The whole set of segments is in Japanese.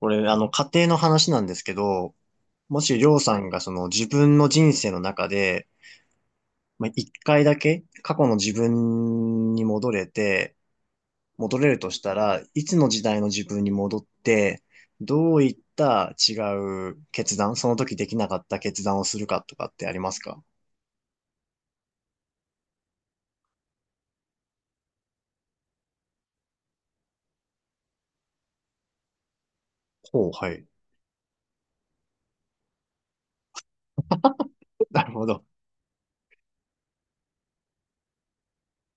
これ、家庭の話なんですけど、もしりょうさんがその自分の人生の中で、まあ、一回だけ過去の自分に戻れるとしたら、いつの時代の自分に戻って、どういった違う決断、その時できなかった決断をするかとかってありますか？ほう、はい。なるほど。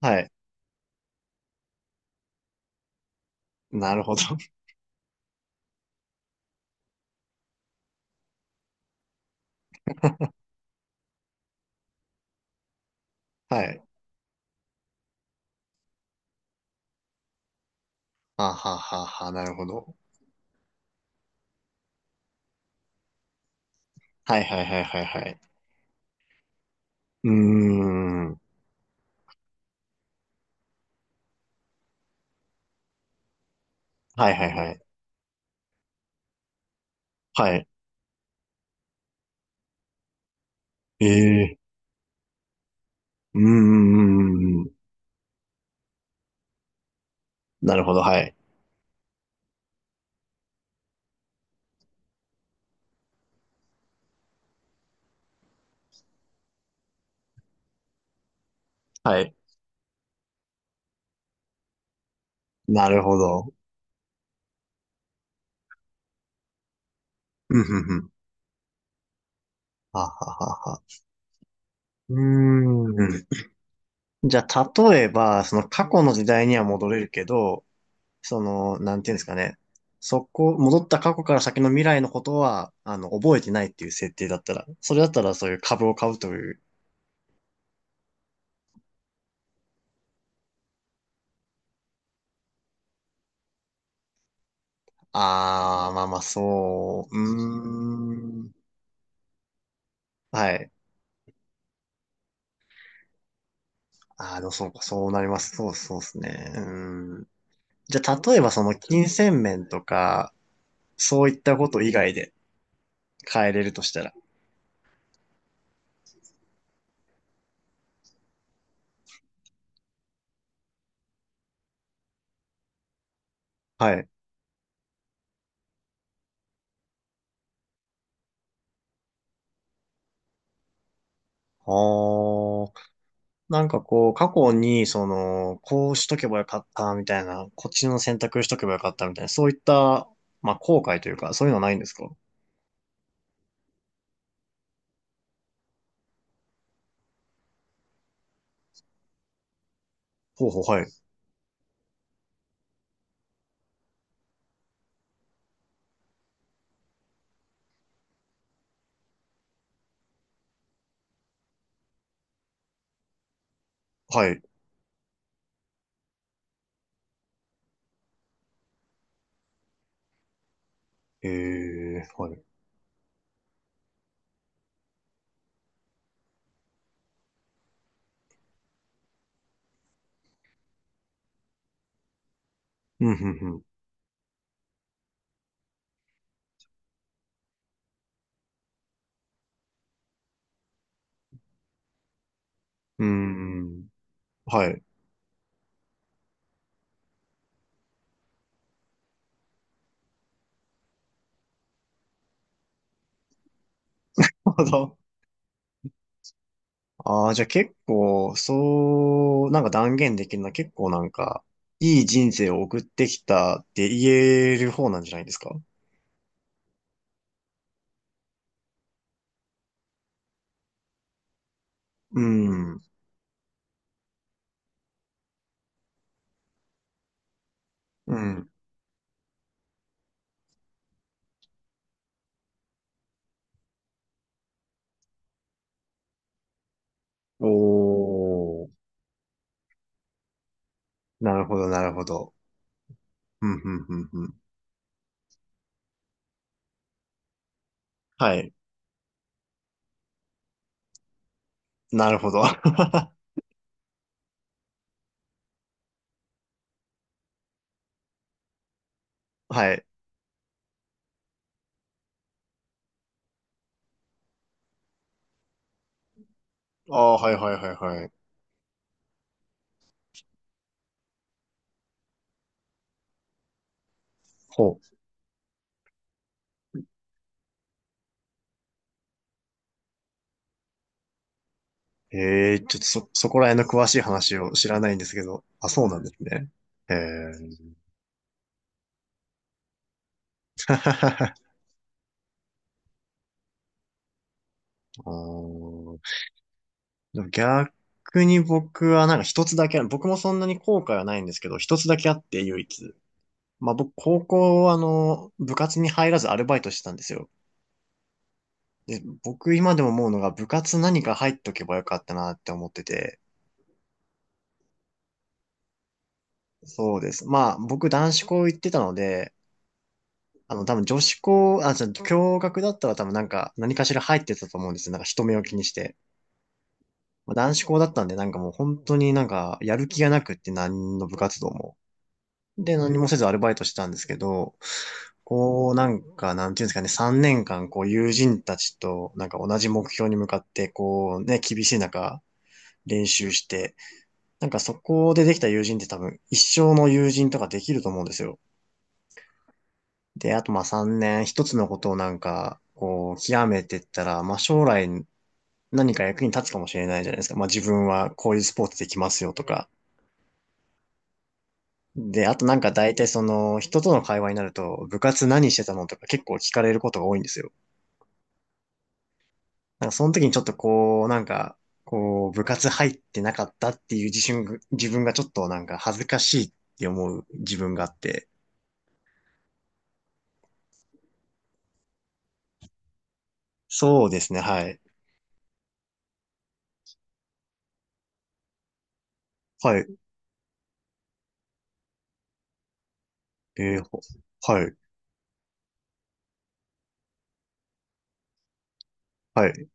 はい。なるほど。はい。はははは、なるほど。はいはいはいはいはい。うーん。はいはいはい。はい。ええ、うんうんうん、なるほど、はい。はい。なるほど。うんうんうん。はははは。うーん。じゃあ、例えば、その過去の時代には戻れるけど、なんていうんですかね。戻った過去から先の未来のことは、覚えてないっていう設定だったら、それだったらそういう株を買うという。あー、まあまあ、そう、うーん。はい。あー、でもそうか、そうなります。そうそうですね。うー。じゃあ、例えばその金銭面とか、そういったこと以外で変えれるとしたら。はい。あー、なんかこう、過去に、その、こうしとけばよかったみたいな、こっちの選択しとけばよかったみたいな、そういった、まあ、後悔というか、そういうのはないんですか？ほうほう、はい。はい。えー、はい。うん、うん、うん。うーん、はい。なるほど。ああ、じゃあ結構、そう、なんか断言できるのは結構なんか、いい人生を送ってきたって言える方なんじゃないですか？うん。うん。おー。なるほど、なるほど。うん、うん、うん、うん。はい。なるほど。はい。ああ、はい、はい、はい、はい。ほう。ええ、ちょっとそこら辺の詳しい話を知らないんですけど。あ、そうなんですね。ええ。あー。でも逆に僕はなんか一つだけある、僕もそんなに後悔はないんですけど、一つだけあって唯一。まあ僕、高校、部活に入らずアルバイトしてたんですよ。で、僕今でも思うのが部活何か入っとけばよかったなって思ってて。そうです。まあ僕男子校行ってたので、あの多分女子校、あ、じゃあ共学だったら多分なんか何かしら入ってたと思うんですよ。なんか人目を気にして。まあ、男子校だったんでなんかもう本当になんかやる気がなくって何の部活動も。で、何もせずアルバイトしてたんですけど、こう、なんか、なんていうんですかね、3年間、こう、友人たちと、なんか同じ目標に向かって、こう、ね、厳しい中、練習して、なんかそこでできた友人って多分、一生の友人とかできると思うんですよ。で、あとまあ3年、一つのことをなんか、こう、極めてったら、まあ将来何か役に立つかもしれないじゃないですか。まあ自分はこういうスポーツできますよとか、で、あとなんか大体その人との会話になると部活何してたのとか結構聞かれることが多いんですよ。なんかその時にちょっとこう、なんか、こう部活入ってなかったっていう自信、自分がちょっとなんか恥ずかしいって思う自分があって。そうですね、はい。はい。えー、ほ。はい。はい。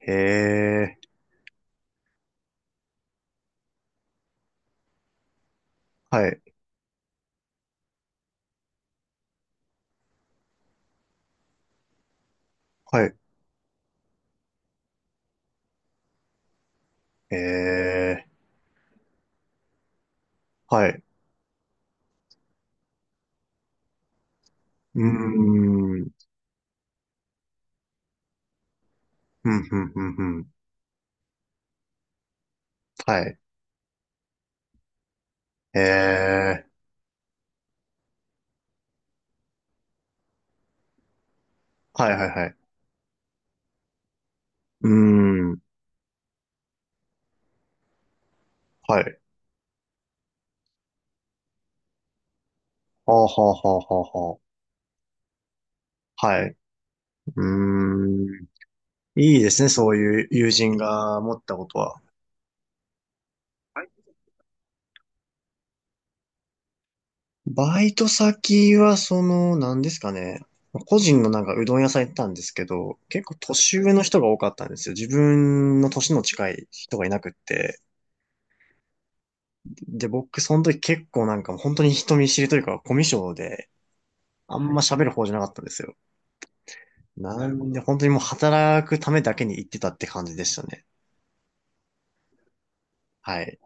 へー。はい。はい。えー、はい。うーん。ふんふんふんふん。はい。えー、はいはいはい。うーん。はい。はあはあはあはあはあ。はい。うーん。いいですね、そういう友人が持ったことは。バイト先は、何ですかね。個人のなんかうどん屋さん行ったんですけど、結構年上の人が多かったんですよ。自分の年の近い人がいなくって。で、僕、その時結構なんかもう本当に人見知りというか、コミュ障で、あんま喋る方じゃなかったんですよ。なんで、本当にもう働くためだけに行ってたって感じでしたね。はい。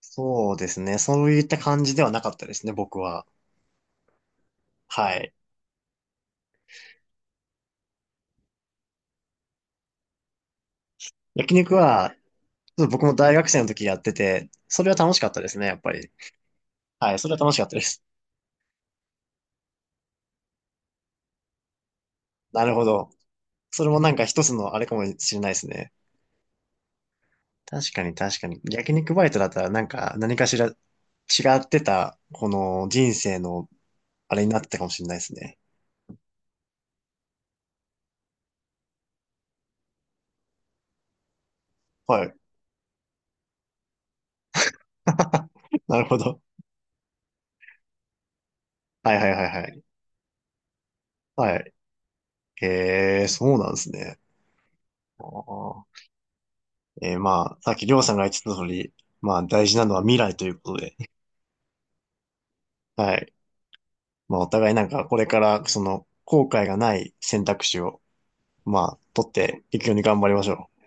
そうですね。そういった感じではなかったですね、僕は。はい。焼肉は、ちょっと僕も大学生の時やってて、それは楽しかったですね、やっぱり。はい、それは楽しかったです。なるほど。それもなんか一つのあれかもしれないですね。確かに確かに。焼肉バイトだったらなんか何かしら違ってた、この人生のあれになってたかもしれないですね。はい。なるほど。はいはいはいはい。はい。へえ、そうなんですね。あー、まあ、さっきりょうさんが言ってた通り、まあ大事なのは未来ということで、はい。まあお互いなんかこれからその後悔がない選択肢を、まあ取っていくように頑張りましょう。